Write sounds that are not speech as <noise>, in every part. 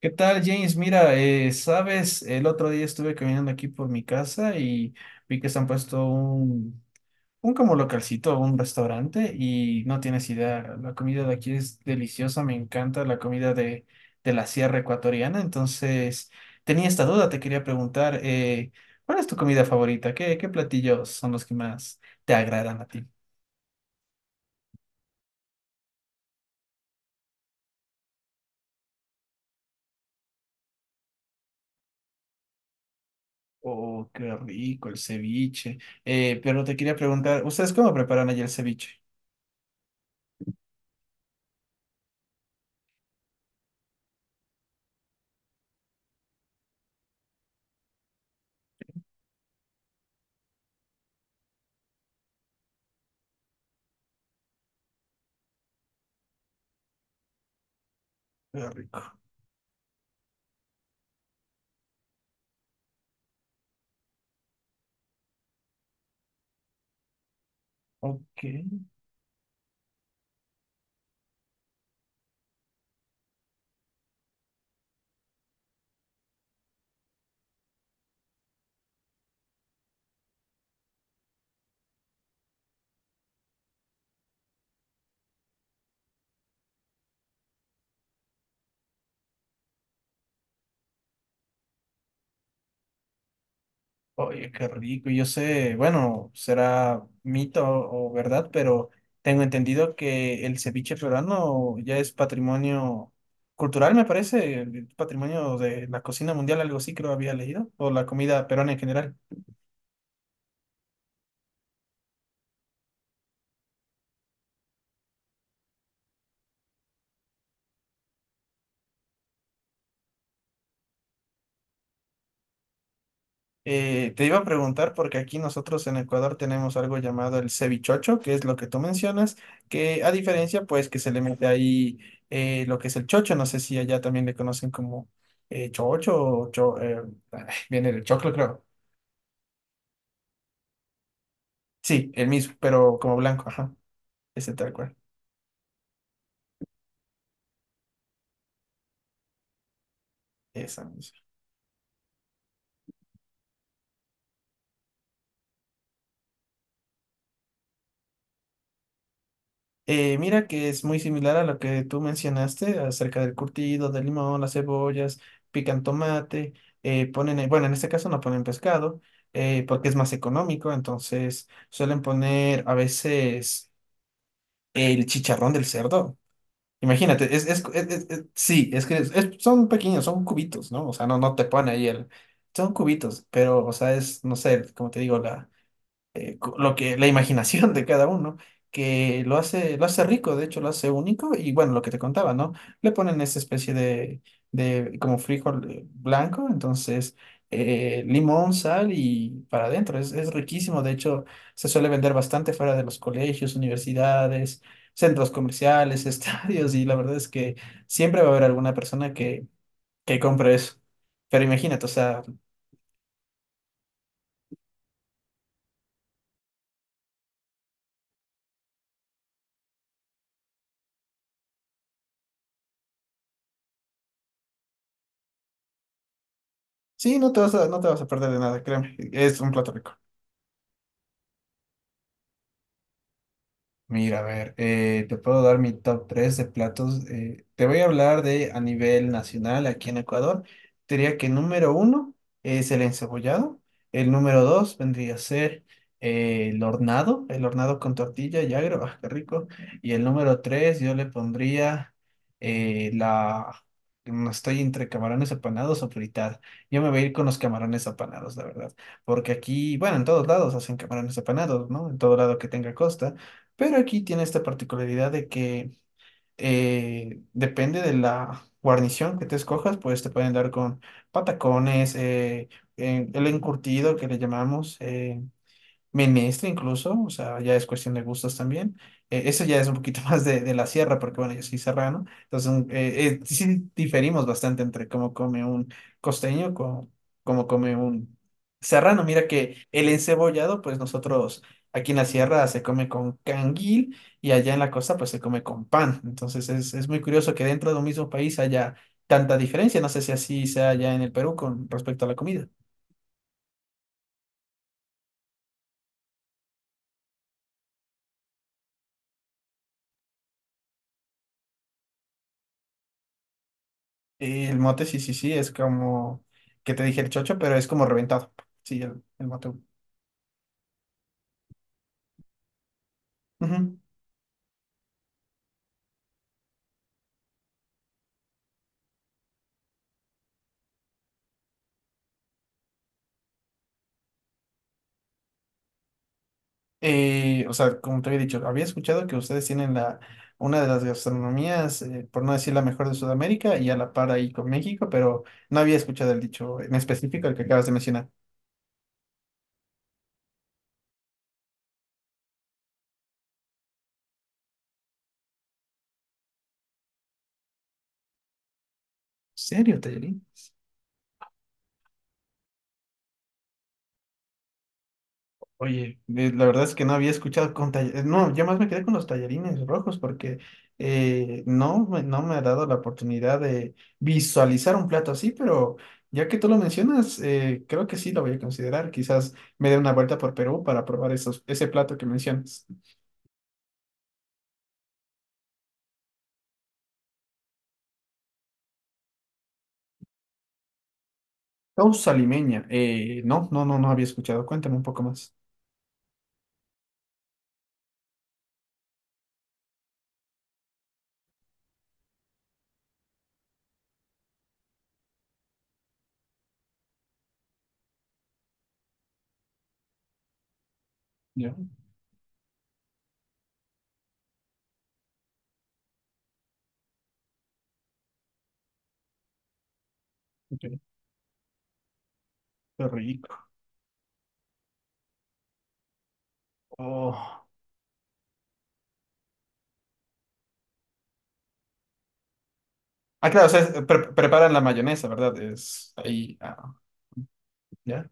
¿Qué tal, James? Mira, sabes, el otro día estuve caminando aquí por mi casa y vi que se han puesto un como localcito, un restaurante y no tienes idea, la comida de aquí es deliciosa, me encanta la comida de la sierra ecuatoriana, entonces tenía esta duda, te quería preguntar, ¿cuál es tu comida favorita? Qué platillos son los que más te agradan a ti? Oh, qué rico el ceviche. Pero te quería preguntar, ¿ustedes cómo preparan allí el ceviche? Qué rico. Ok. Oye, qué rico. Yo sé, bueno, será mito o verdad, pero tengo entendido que el ceviche peruano ya es patrimonio cultural, me parece, patrimonio de la cocina mundial, algo así creo había leído, o la comida peruana en general. Te iba a preguntar porque aquí nosotros en Ecuador tenemos algo llamado el cevichocho, que es lo que tú mencionas, que a diferencia pues que se le mete ahí lo que es el chocho, no sé si allá también le conocen como eh, chocho o cho- eh, ay, viene del choclo creo. Sí, el mismo, pero como blanco, ajá, ese tal cual. Esa. Mira que es muy similar a lo que tú mencionaste acerca del curtido, del limón, las cebollas, pican tomate, ponen, bueno, en este caso no ponen pescado, porque es más económico, entonces suelen poner a veces el chicharrón del cerdo. Imagínate, sí, es que son pequeños, son cubitos, ¿no? O sea, no te pone ahí el... Son cubitos, pero, o sea, es, no sé, como te digo, lo que la imaginación de cada uno, que lo hace rico, de hecho lo hace único, y bueno, lo que te contaba, ¿no? Le ponen esa especie de como frijol blanco, entonces limón, sal y para adentro, es riquísimo, de hecho se suele vender bastante fuera de los colegios, universidades, centros comerciales, <laughs> estadios, y la verdad es que siempre va a haber alguna persona que compre eso. Pero imagínate, o sea, sí, no te vas a perder de nada, créeme, es un plato rico. Mira, a ver, te puedo dar mi top 3 de platos. Te voy a hablar de a nivel nacional aquí en Ecuador. Te diría que número uno es el encebollado. El número dos vendría a ser el hornado con tortilla y agro, ah, qué rico. Y el número tres yo le pondría la... No estoy entre camarones apanados o fritada. Yo me voy a ir con los camarones apanados, la verdad. Porque aquí, bueno, en todos lados hacen camarones apanados, ¿no? En todo lado que tenga costa, pero aquí tiene esta particularidad de que depende de la guarnición que te escojas, pues te pueden dar con patacones, el encurtido que le llamamos, menestra incluso, o sea, ya es cuestión de gustos también. Eso ya es un poquito <laughs> más de la sierra, porque bueno, yo soy serrano, entonces sí diferimos bastante entre cómo come un costeño, con cómo come un serrano. Mira que el encebollado, pues nosotros aquí en la sierra se come con canguil y allá en la costa pues se come con pan. Entonces es muy curioso que dentro de un mismo país haya tanta diferencia. No sé si así sea allá en el Perú con respecto a la comida. Y el mote, sí, sí, sí, es como que te dije el chocho, pero es como reventado. Sí, el mote. Ujú. O sea, como te había dicho, había escuchado que ustedes tienen una de las gastronomías, por no decir la mejor de Sudamérica, y a la par ahí con México, pero no había escuchado el dicho en específico el que acabas de mencionar. ¿En serio, Taylor? Oye, la verdad es que no había escuchado con tallarines. No, yo más me quedé con los tallarines rojos porque no me ha dado la oportunidad de visualizar un plato así, pero ya que tú lo mencionas, creo que sí lo voy a considerar. Quizás me dé una vuelta por Perú para probar ese plato que mencionas. Causa limeña. No, no, no, no había escuchado. Cuéntame un poco más. Ya, ok, qué rico. Oh. Ah, claro, o sea, preparan la mayonesa, ¿verdad? Es ahí, ah, ya.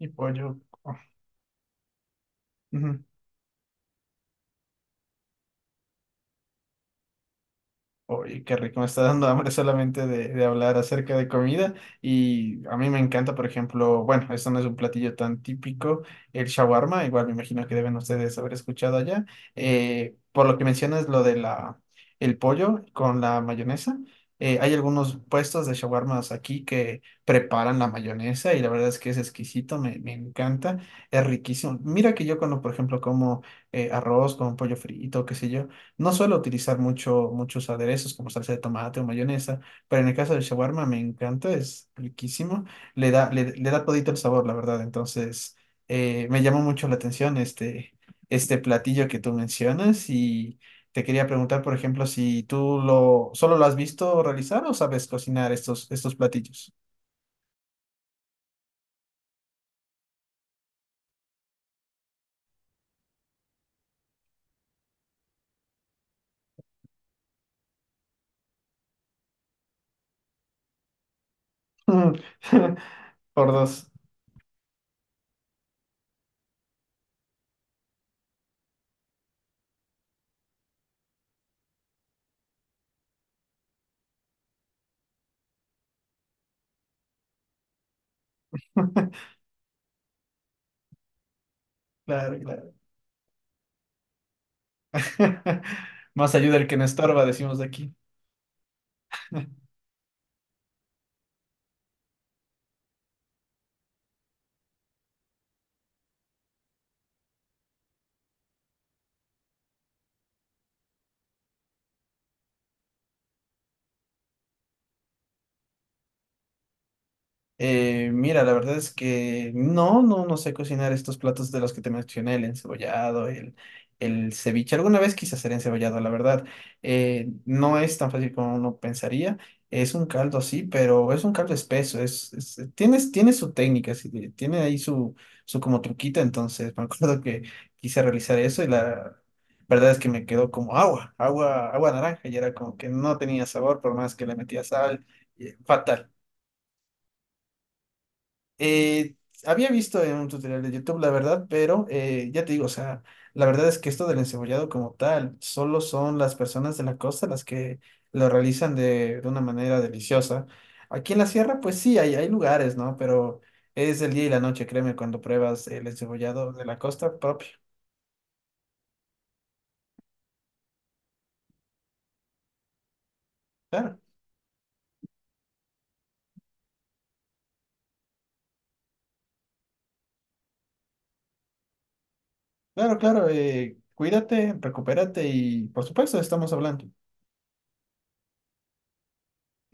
Y pollo. Ah, ujú. Oye, qué rico, me está dando hambre solamente de hablar acerca de comida, y a mí me encanta, por ejemplo, bueno, esto no es un platillo tan típico, el shawarma, igual me imagino que deben ustedes haber escuchado allá. Por lo que mencionas lo de el pollo con la mayonesa, hay algunos puestos de shawarmas aquí que preparan la mayonesa y la verdad es que es exquisito, me encanta, es riquísimo. Mira que yo cuando, por ejemplo, como arroz con pollo frito, qué sé yo. No suelo utilizar muchos aderezos como salsa de tomate o mayonesa, pero en el caso del shawarma me encanta, es riquísimo, le da todito el sabor, la verdad. Entonces, me llamó mucho la atención este platillo que tú mencionas y te quería preguntar, por ejemplo, si tú solo lo has visto realizar o sabes cocinar estos platillos. <laughs> Por dos. <laughs> Claro, claro. <laughs> Más ayuda el que no estorba, decimos de aquí. Mira, la verdad es que no, no, no sé cocinar estos platos de los que te mencioné, el encebollado, el ceviche. Alguna vez quise hacer encebollado, la verdad. No es tan fácil como uno pensaría. Es un caldo, sí, pero es un caldo espeso. Tiene, tiene su técnica, sí, tiene ahí su, su como truquita. Entonces, <laughs> me acuerdo que quise realizar eso y la verdad es que me quedó como agua, agua, agua naranja. Y era como que no tenía sabor por más que le metía sal. Fatal. Eh, Había visto en un tutorial de YouTube, la verdad, pero ya te digo, o sea, la verdad es que esto del encebollado como tal, solo son las personas de la costa las que lo realizan de una manera deliciosa. Aquí en la sierra, pues sí, hay lugares, ¿no? Pero es el día y la noche, créeme, cuando pruebas el encebollado de la costa propio. Claro, claro, claro. Cuídate, recupérate y por supuesto estamos hablando.